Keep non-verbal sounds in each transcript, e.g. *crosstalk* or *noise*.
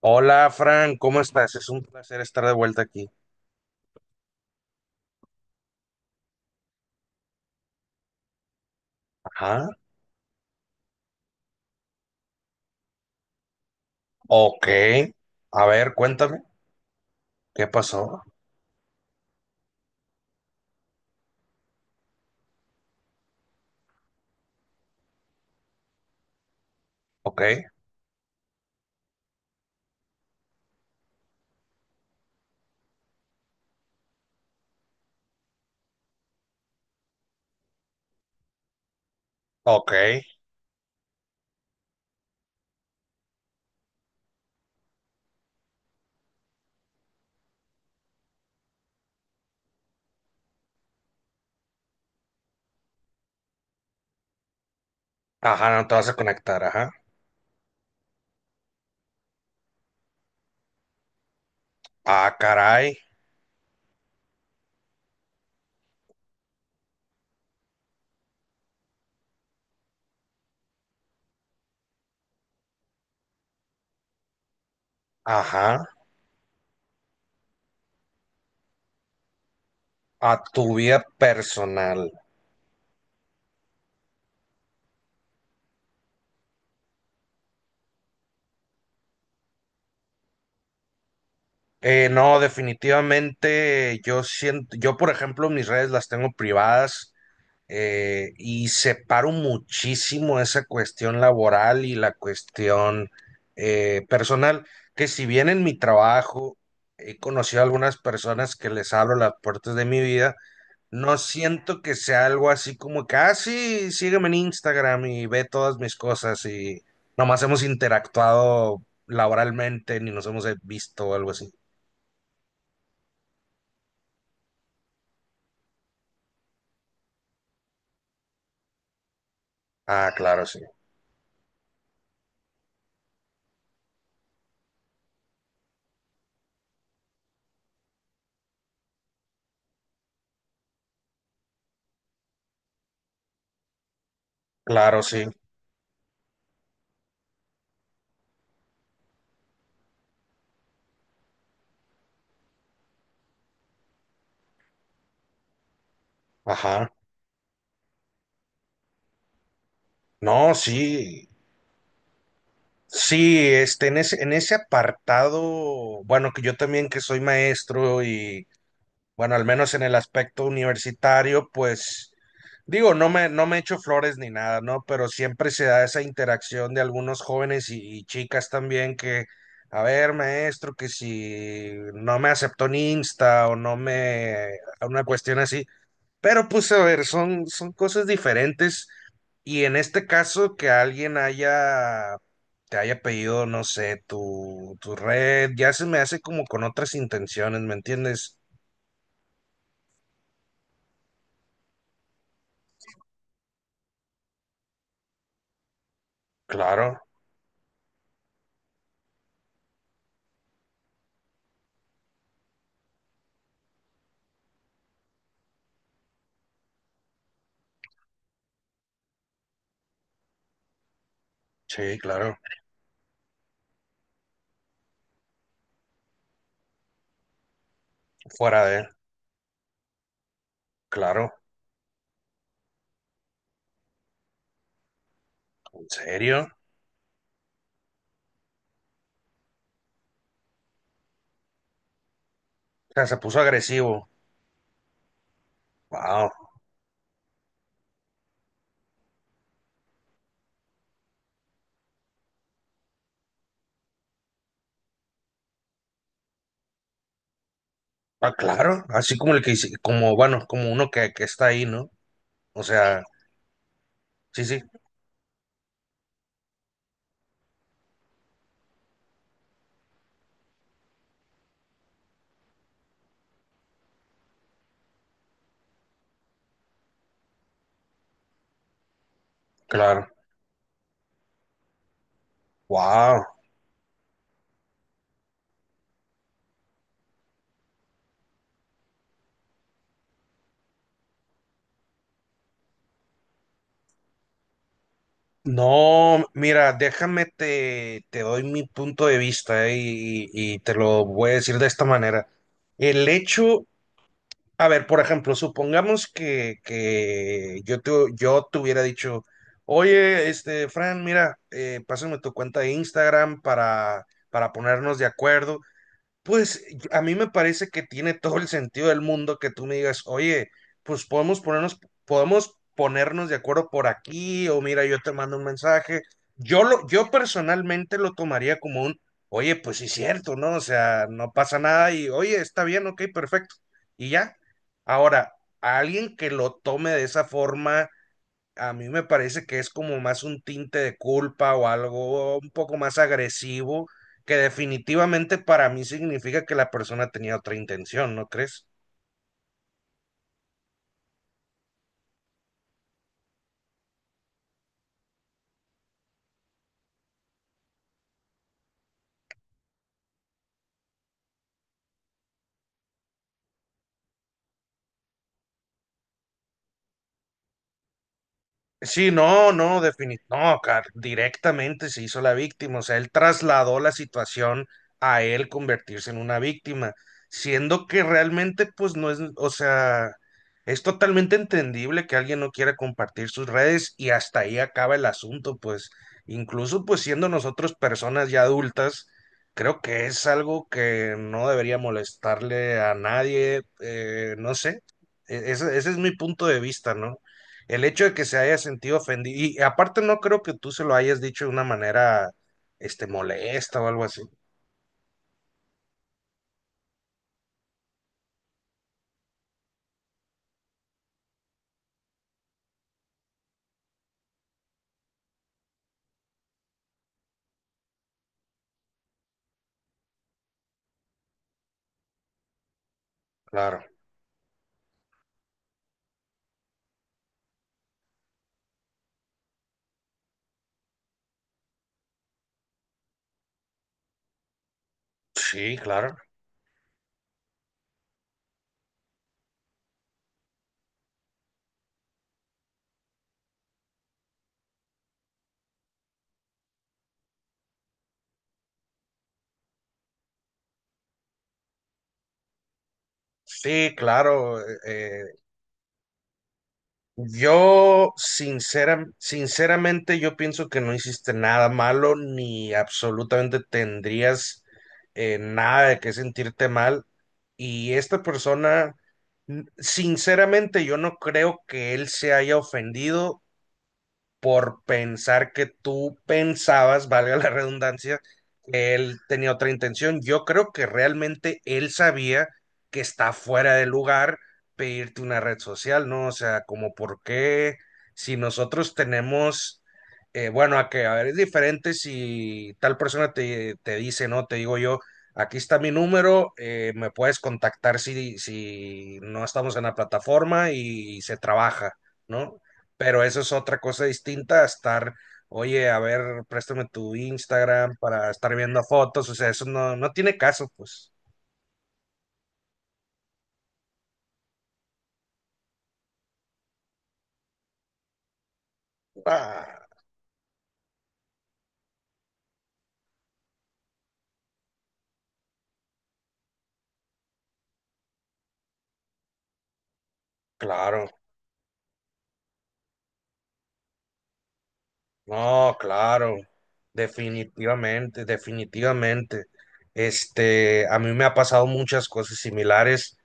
Hola, Fran, ¿cómo estás? Es un placer estar de vuelta aquí. Ajá, ok. A ver, cuéntame, ¿qué pasó? Ok, ok. Ajá, no te vas a conectar, ajá. Ah, caray, ajá. A tu vida personal. No, definitivamente yo siento, yo por ejemplo mis redes las tengo privadas, y separo muchísimo esa cuestión laboral y la cuestión personal, que si bien en mi trabajo he conocido a algunas personas que les abro las puertas de mi vida, no siento que sea algo así como que, ah, sí, sígueme en Instagram y ve todas mis cosas y nomás hemos interactuado laboralmente ni nos hemos visto o algo así. Ah, claro, sí. Claro, sí. Ajá. No, sí. Sí, este, en ese apartado, bueno, que yo también que soy maestro y, bueno, al menos en el aspecto universitario, pues, digo, no me echo flores ni nada, ¿no? Pero siempre se da esa interacción de algunos jóvenes y chicas también que, a ver, maestro, que si no me aceptó en Insta o no me, una cuestión así, pero pues, a ver, son, son cosas diferentes. Y en este caso que alguien haya, te haya pedido, no sé, tu red, ya se me hace como con otras intenciones, ¿me entiendes? Claro, sí, claro, fuera de, claro, ¿en serio? O sea, se puso agresivo, wow, ah, claro, así como el que hice, como, bueno, como uno que está ahí, ¿no? O sea, sí, sí, claro, wow. No, mira, déjame te doy mi punto de vista, y te lo voy a decir de esta manera. El hecho, a ver, por ejemplo, supongamos que yo te hubiera dicho, oye, este, Fran, mira, pásame tu cuenta de Instagram para ponernos de acuerdo, pues a mí me parece que tiene todo el sentido del mundo que tú me digas, oye, pues podemos ponernos de acuerdo por aquí, o mira, yo te mando un mensaje. Yo personalmente lo tomaría como un, oye, pues sí es cierto, ¿no? O sea, no pasa nada y, oye, está bien, ok, perfecto. Y ya. Ahora, a alguien que lo tome de esa forma a mí me parece que es como más un tinte de culpa o algo un poco más agresivo, que definitivamente para mí significa que la persona tenía otra intención, ¿no crees? Sí, no, no, definit no, car- directamente se hizo la víctima, o sea, él trasladó la situación a él convertirse en una víctima, siendo que realmente pues no es, o sea, es totalmente entendible que alguien no quiera compartir sus redes y hasta ahí acaba el asunto, pues incluso pues siendo nosotros personas ya adultas, creo que es algo que no debería molestarle a nadie, no sé, ese es mi punto de vista, ¿no? El hecho de que se haya sentido ofendido, y aparte no creo que tú se lo hayas dicho de una manera, este, molesta o algo así. Claro, sí, claro. Sí, claro. Yo sinceramente yo pienso que no hiciste nada malo ni absolutamente tendrías, nada de qué sentirte mal. Y esta persona, sinceramente yo no creo que él se haya ofendido por pensar que tú pensabas, valga la redundancia, que él tenía otra intención. Yo creo que realmente él sabía que está fuera de lugar pedirte una red social, ¿no? O sea, como por qué si nosotros tenemos, bueno, a que, a ver, es diferente si tal persona te, te dice, ¿no? Te digo yo. Aquí está mi número, me puedes contactar si, si no estamos en la plataforma y se trabaja, ¿no? Pero eso es otra cosa distinta a estar, oye, a ver, préstame tu Instagram para estar viendo fotos, o sea, eso no, no tiene caso, pues. Ah, claro, no, claro, definitivamente, definitivamente. Este, a mí me ha pasado muchas cosas similares,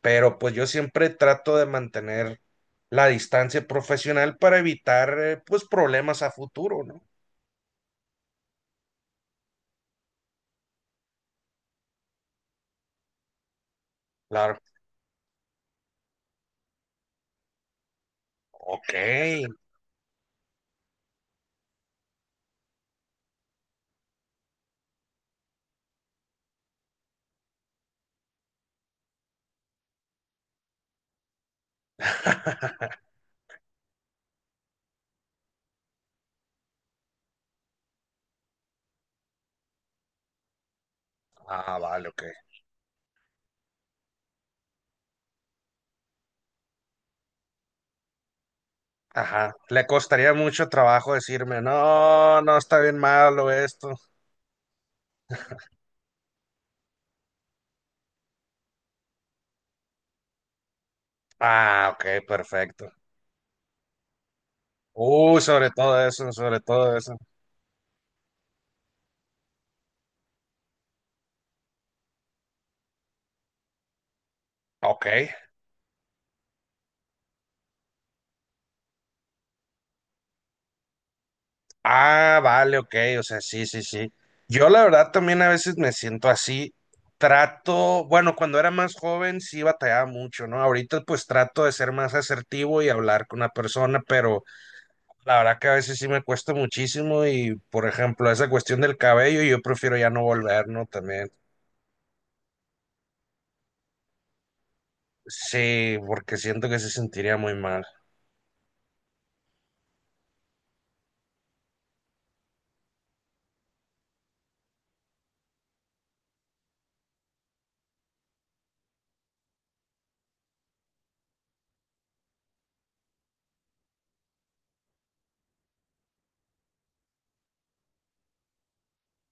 pero pues yo siempre trato de mantener la distancia profesional para evitar, pues, problemas a futuro, ¿no? Claro, ok. *laughs* Ah, vale, ok. Ajá, le costaría mucho trabajo decirme, no, no está bien malo esto. Ah, ok, perfecto. Uy, sobre todo eso, sobre todo eso. Ok. Ah, vale, ok, o sea, sí, sí, sí. Yo la verdad también a veces me siento así. Trato, bueno, cuando era más joven sí batallaba mucho, ¿no? Ahorita pues trato de ser más asertivo y hablar con una persona, pero la verdad que a veces sí me cuesta muchísimo y, por ejemplo, esa cuestión del cabello, yo prefiero ya no volver, ¿no? También. Sí, porque siento que se sentiría muy mal.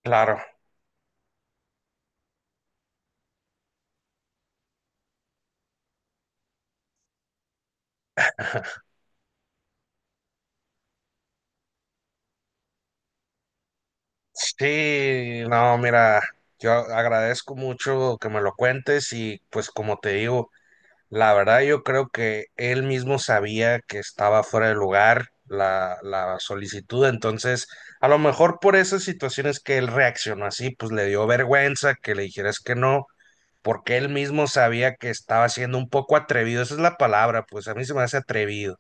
Claro. Sí, no, mira, yo agradezco mucho que me lo cuentes y pues como te digo, la verdad yo creo que él mismo sabía que estaba fuera de lugar la solicitud, entonces a lo mejor por esas situaciones que él reaccionó así, pues le dio vergüenza que le dijeras que no, porque él mismo sabía que estaba siendo un poco atrevido, esa es la palabra, pues a mí se me hace atrevido.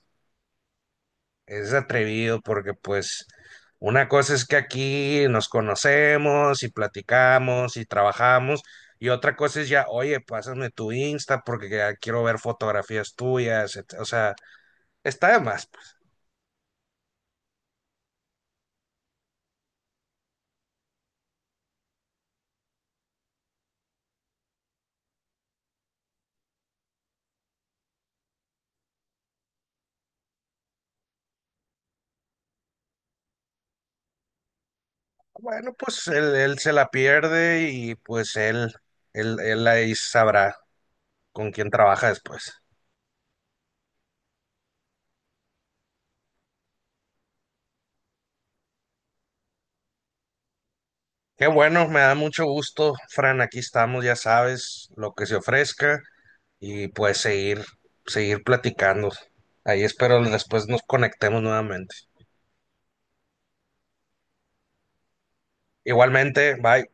Es atrevido porque pues una cosa es que aquí nos conocemos y platicamos y trabajamos y otra cosa es ya, oye, pásame tu Insta porque ya quiero ver fotografías tuyas, o sea, está de más. Bueno, pues él se la pierde y pues él ahí sabrá con quién trabaja después. Qué bueno, me da mucho gusto, Fran. Aquí estamos, ya sabes, lo que se ofrezca y pues seguir, seguir platicando. Ahí espero después nos conectemos nuevamente. Igualmente, bye.